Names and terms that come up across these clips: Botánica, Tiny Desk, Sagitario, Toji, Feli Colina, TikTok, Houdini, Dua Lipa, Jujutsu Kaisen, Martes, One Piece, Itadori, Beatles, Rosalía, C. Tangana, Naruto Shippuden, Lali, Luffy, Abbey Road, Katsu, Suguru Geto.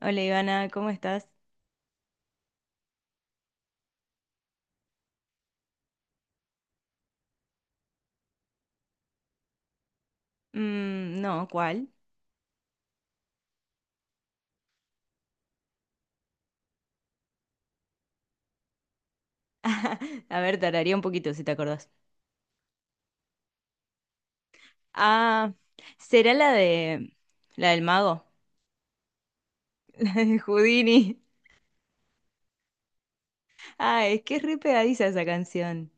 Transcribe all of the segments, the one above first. Hola Ivana, ¿cómo estás? Mm, no, ¿cuál? A ver, tardaría un poquito si te acordás. Ah, será la del mago, la de Houdini. Ah, es que es re pegadiza esa canción.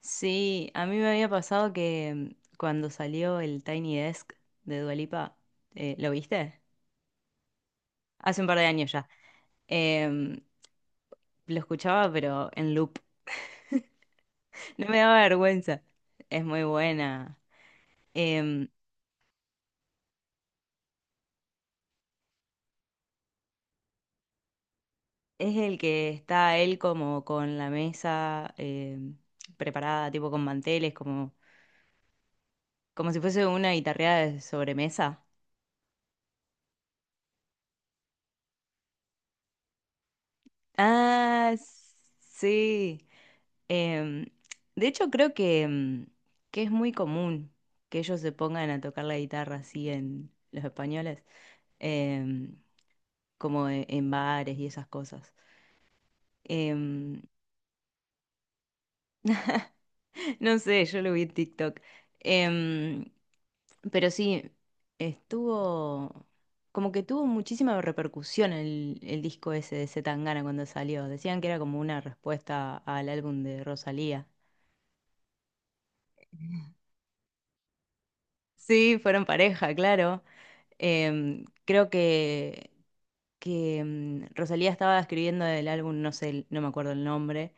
Sí, a mí me había pasado que cuando salió el Tiny Desk de Dua Lipa, ¿lo viste? Hace un par de años ya. Em, lo escuchaba pero en loop. No me daba vergüenza. Es muy buena. Em, Es el que está él como con la mesa preparada, tipo con manteles, como si fuese una guitarreada de sobremesa. Ah, sí. Em, de hecho, creo que es muy común que ellos se pongan a tocar la guitarra así en los españoles, em, como en bares y esas cosas. Em, No sé, yo lo vi en TikTok. Em, pero sí, estuvo. Como que tuvo muchísima repercusión el disco ese de C. Tangana cuando salió. Decían que era como una respuesta al álbum de Rosalía. Sí, fueron pareja, claro. Creo que, Rosalía estaba escribiendo el álbum, no sé, no me acuerdo el nombre,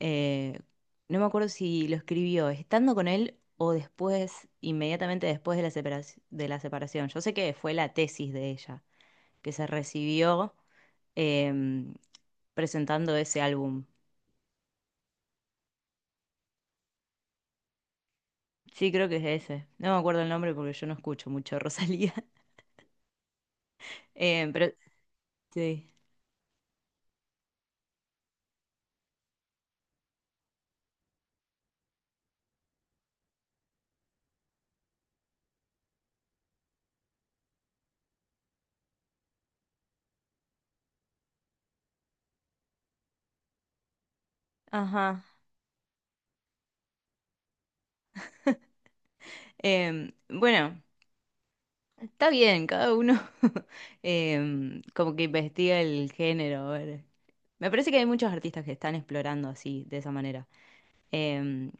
eh, no me acuerdo si lo escribió estando con él o después, inmediatamente después de la separación. Yo sé que fue la tesis de ella, que se recibió em, presentando ese álbum. Sí, creo que es ese. No me acuerdo el nombre porque yo no escucho mucho a Rosalía. Pero sí. Ajá. Bueno. Está bien, cada uno como que investiga el género. A ver. Me parece que hay muchos artistas que están explorando así, de esa manera. Em,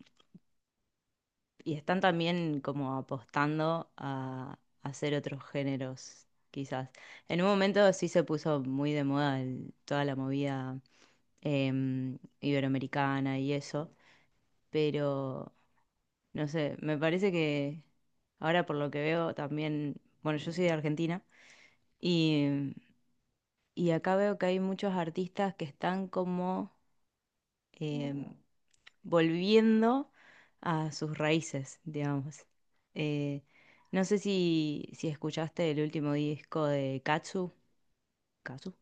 y están también como apostando a hacer otros géneros, quizás. En un momento sí se puso muy de moda toda la movida iberoamericana y eso, pero no sé, me parece que ahora por lo que veo también, bueno, yo soy de Argentina. Y Y acá veo que hay muchos artistas que están como em, volviendo a sus raíces, digamos. Eh, no sé si escuchaste el último disco de Katsu. ¿Katsu?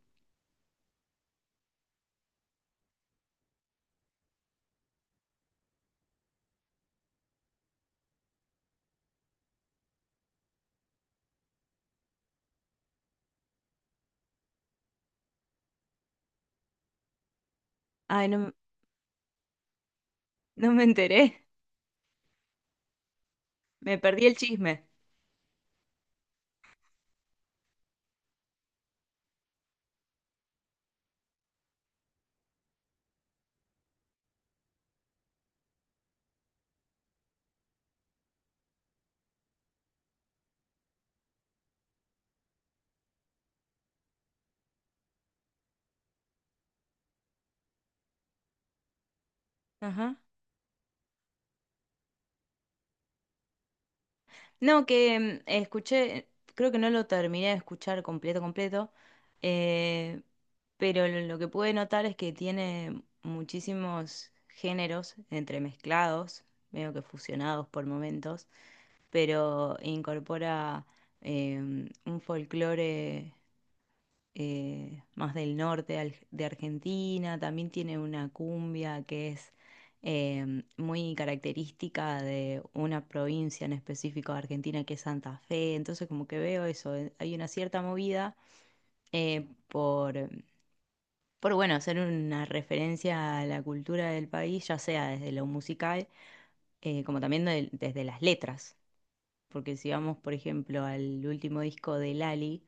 Ay, no, no me enteré. Me perdí el chisme. Ajá. No, que escuché, creo que no lo terminé de escuchar completo, completo, eh, pero lo que pude notar es que tiene muchísimos géneros entremezclados, medio que fusionados por momentos, pero incorpora eh, un folclore más del norte de Argentina, también tiene una cumbia que es muy característica de una provincia en específico de Argentina que es Santa Fe, entonces como que veo eso, hay una cierta movida eh, por, por, bueno, hacer una referencia a la cultura del país, ya sea desde lo musical como también desde las letras porque si vamos, por ejemplo, al último disco de Lali,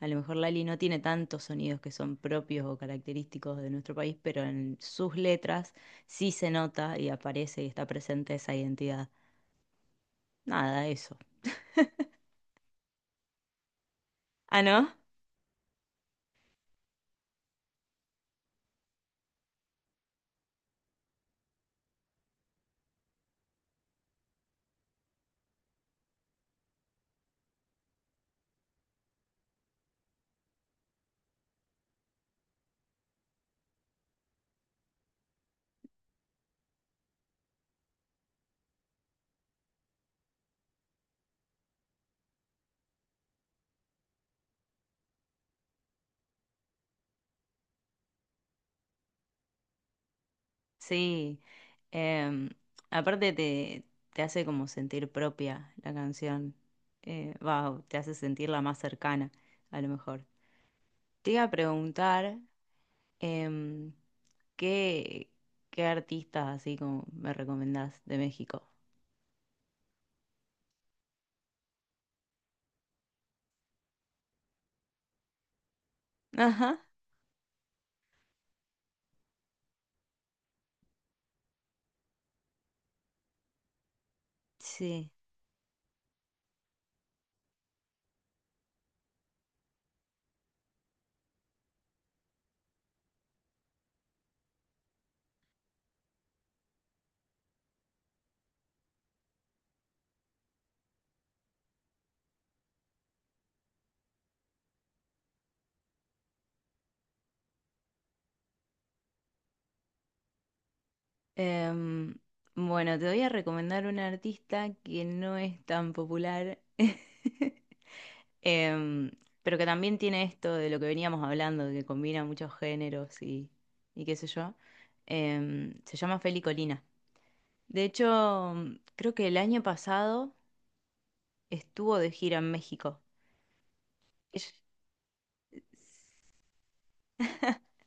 a lo mejor Lali no tiene tantos sonidos que son propios o característicos de nuestro país, pero en sus letras sí se nota y aparece y está presente esa identidad. Nada, eso. Ah, ¿no? Sí. Em, Aparte te hace como sentir propia la canción. Va, te hace sentirla más cercana, a lo mejor. Te iba a preguntar. Em, ¿Qué, qué artistas así como me recomendás de México? Ajá, sí. Em, bueno, te voy a recomendar un artista que no es tan popular, em, pero que también tiene esto de lo que veníamos hablando, de que combina muchos géneros y qué sé yo. Se llama Feli Colina. De hecho, creo que el año pasado estuvo de gira en México.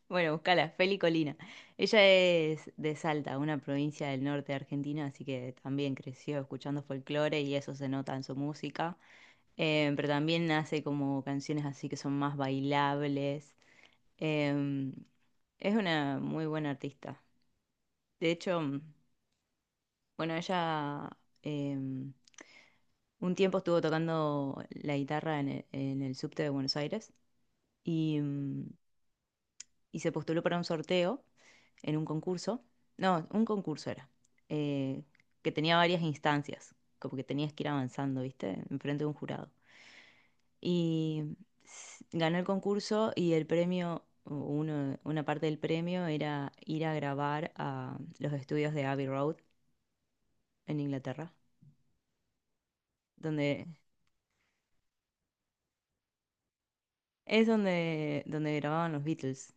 Bueno, buscala, Feli Colina. Ella es de Salta, una provincia del norte de Argentina, así que también creció escuchando folclore y eso se nota en su música. Pero también hace como canciones así que son más bailables. Eh, es una muy buena artista. De hecho, bueno, ella eh, un tiempo estuvo tocando la guitarra en el subte de Buenos Aires y mm, y se postuló para un sorteo en un concurso. No, un concurso era, eh, que tenía varias instancias, como que tenías que ir avanzando, ¿viste? Enfrente de un jurado. Y ganó el concurso y el premio, o una parte del premio era ir a grabar a los estudios de Abbey Road en Inglaterra, donde es donde grababan los Beatles.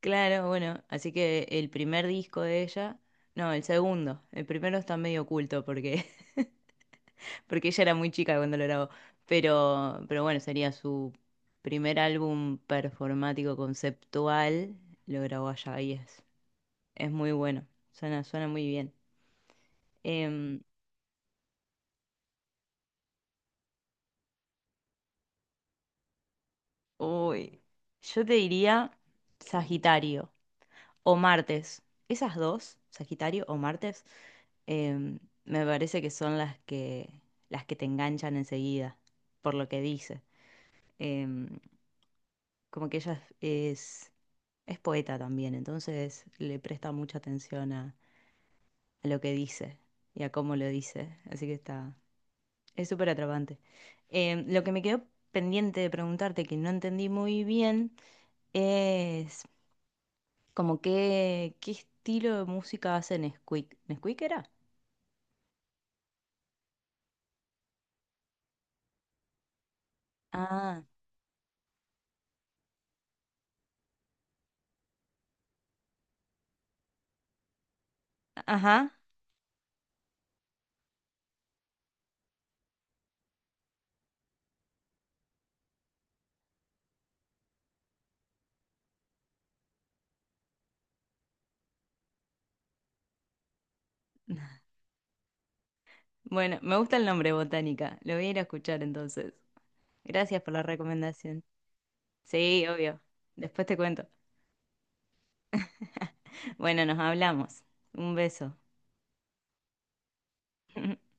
Claro, bueno, así que el primer disco de ella, no, el segundo, el primero está medio oculto porque ella era muy chica cuando lo grabó. Pero bueno, sería su primer álbum performático conceptual. Lo grabó allá y es muy bueno. Suena muy bien. Em, Uy, yo te diría Sagitario o Martes. Esas dos, Sagitario o Martes, em, me parece que son las que te enganchan enseguida, por lo que dice. Em, Como que ella es poeta también, entonces le presta mucha atención a lo que dice y a cómo lo dice, así que es súper atrapante. Lo que me quedó pendiente de preguntarte, que no entendí muy bien, es como qué estilo de música hace Nesquik. ¿Nesquik era? Ah, ajá. Bueno, me gusta el nombre Botánica, lo voy a ir a escuchar entonces. Gracias por la recomendación. Sí, obvio. Después te cuento. Bueno, nos hablamos. Un beso.